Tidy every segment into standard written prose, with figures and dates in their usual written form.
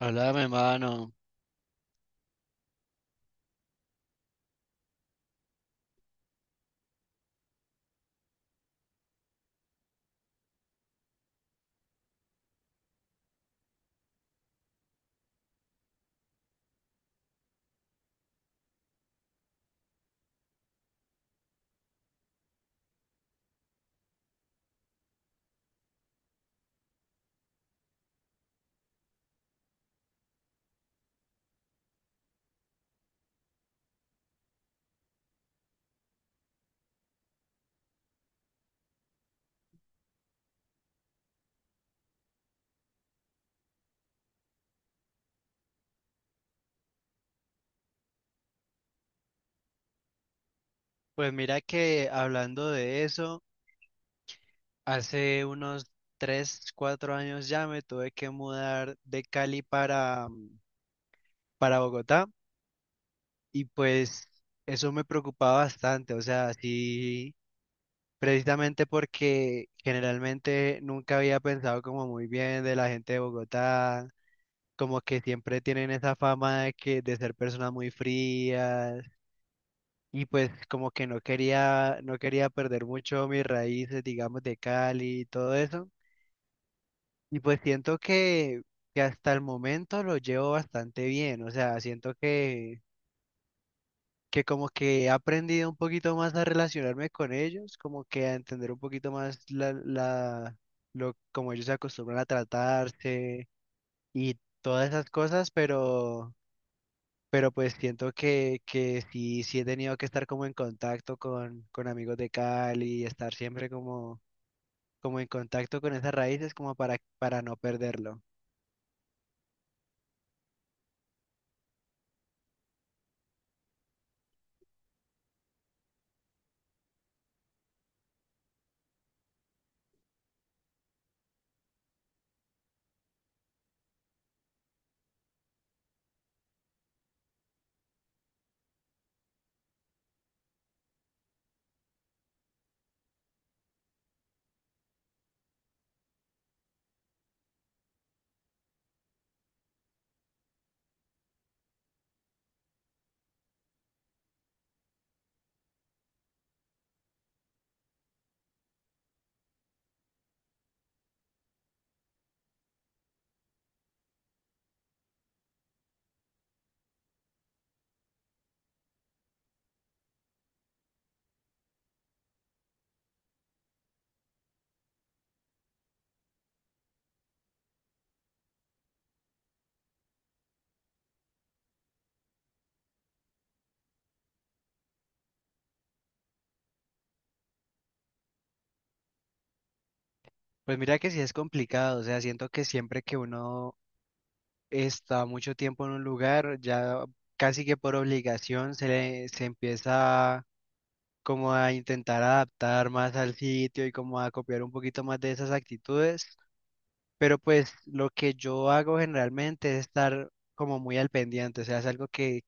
Hola, mano. Pues mira que hablando de eso, hace unos 3 4 años ya me tuve que mudar de Cali para Bogotá. Y pues eso me preocupaba bastante, o sea, sí, precisamente porque generalmente nunca había pensado como muy bien de la gente de Bogotá, como que siempre tienen esa fama de ser personas muy frías. Y pues como que no quería perder mucho mis raíces, digamos, de Cali y todo eso. Y pues siento que hasta el momento lo llevo bastante bien. O sea, siento que como que he aprendido un poquito más a relacionarme con ellos, como que a entender un poquito más como ellos se acostumbran a tratarse y todas esas cosas, Pero pues siento que sí, sí he tenido que estar como en contacto con amigos de Cali, estar siempre como en contacto con esas raíces como para no perderlo. Pues mira que sí es complicado, o sea, siento que siempre que uno está mucho tiempo en un lugar, ya casi que por obligación se empieza como a intentar adaptar más al sitio y como a copiar un poquito más de esas actitudes. Pero pues lo que yo hago generalmente es estar como muy al pendiente, o sea, es algo que,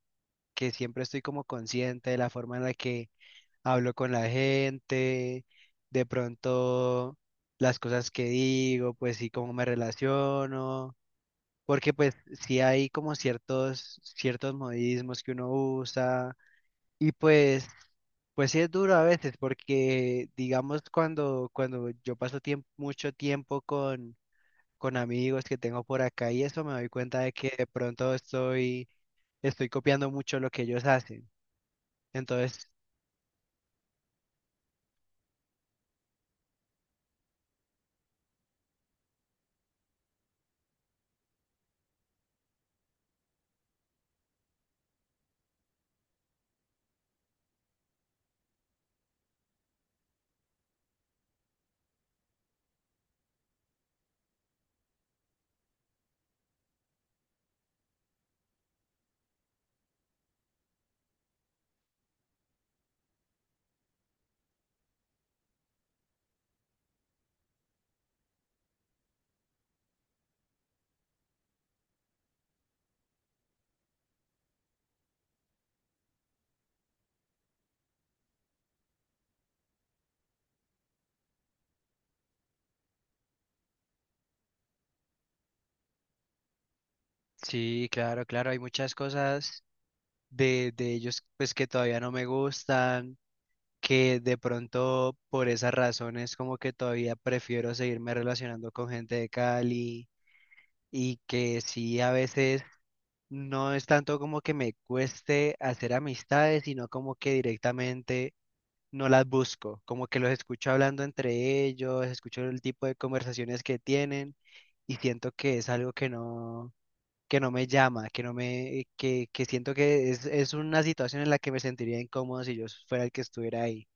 que siempre estoy como consciente de la forma en la que hablo con la gente, de pronto las cosas que digo, pues sí, cómo me relaciono, porque pues sí hay como ciertos modismos que uno usa y pues... Pues sí es duro a veces porque digamos cuando yo paso mucho tiempo con amigos que tengo por acá y eso me doy cuenta de que de pronto estoy, copiando mucho lo que ellos hacen. Entonces, sí, claro, claro, hay muchas cosas de ellos pues que todavía no me gustan, que de pronto por esas razones como que todavía prefiero seguirme relacionando con gente de Cali y que sí a veces no es tanto como que me cueste hacer amistades, sino como que directamente no las busco, como que los escucho hablando entre ellos, escucho el tipo de conversaciones que tienen y siento que es algo que no me llama, que no me, que siento que es una situación en la que me sentiría incómodo si yo fuera el que estuviera ahí.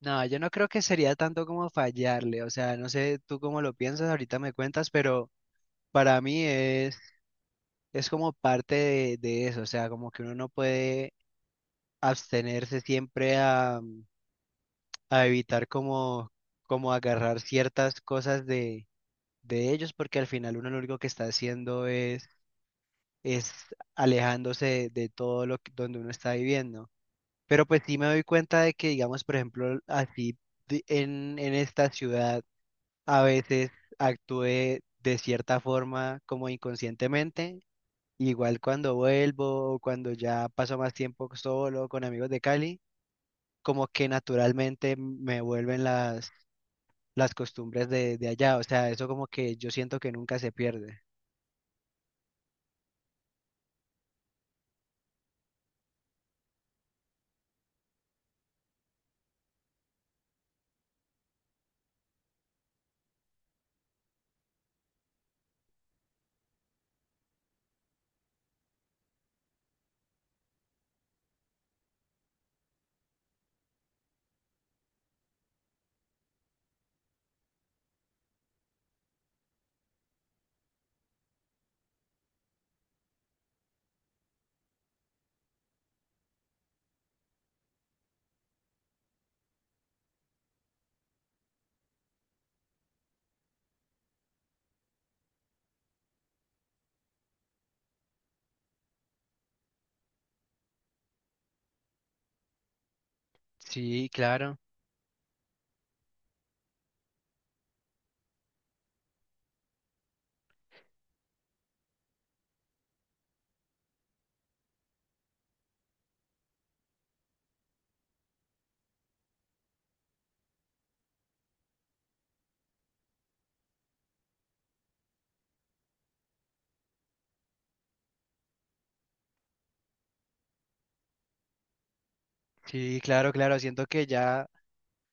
No, yo no creo que sería tanto como fallarle, o sea, no sé tú cómo lo piensas, ahorita me cuentas, pero para mí es como parte de eso, o sea, como que uno no puede abstenerse siempre a evitar como agarrar ciertas cosas de ellos, porque al final uno lo único que está haciendo es alejándose de todo lo donde uno está viviendo. Pero pues sí me doy cuenta de que, digamos, por ejemplo, así en esta ciudad a veces actúe de cierta forma como inconscientemente. Igual cuando vuelvo o cuando ya paso más tiempo solo con amigos de Cali, como que naturalmente me vuelven las costumbres de allá, o sea, eso como que yo siento que nunca se pierde. Sí, claro, sí, claro, claro, siento que ya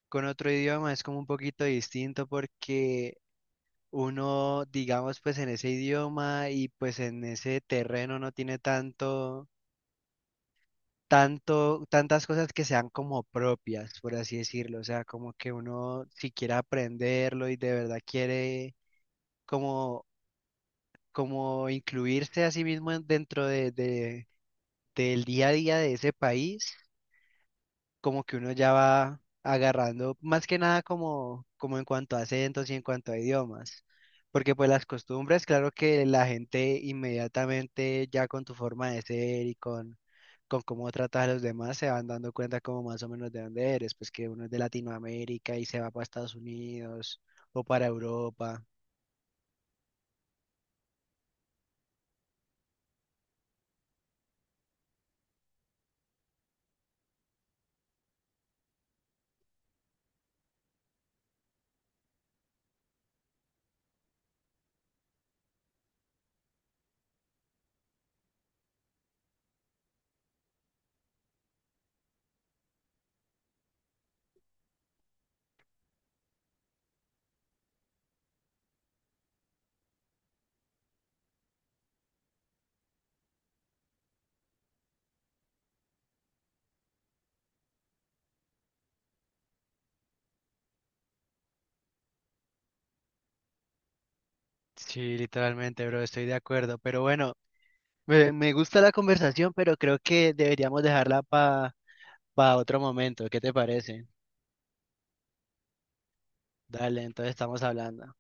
con otro idioma es como un poquito distinto porque uno, digamos, pues en ese idioma y pues en ese terreno no tiene tantas cosas que sean como propias, por así decirlo, o sea, como que uno si quiere aprenderlo y de verdad quiere como, como incluirse a sí mismo dentro del día a día de ese país, como que uno ya va agarrando, más que nada como en cuanto a acentos y en cuanto a idiomas. Porque pues las costumbres, claro que la gente inmediatamente ya con tu forma de ser y con cómo tratas a los demás se van dando cuenta como más o menos de dónde eres, pues que uno es de Latinoamérica y se va para Estados Unidos o para Europa. Sí, literalmente, bro, estoy de acuerdo. Pero bueno, me gusta la conversación, pero creo que deberíamos dejarla para otro momento, ¿qué te parece? Dale, entonces estamos hablando.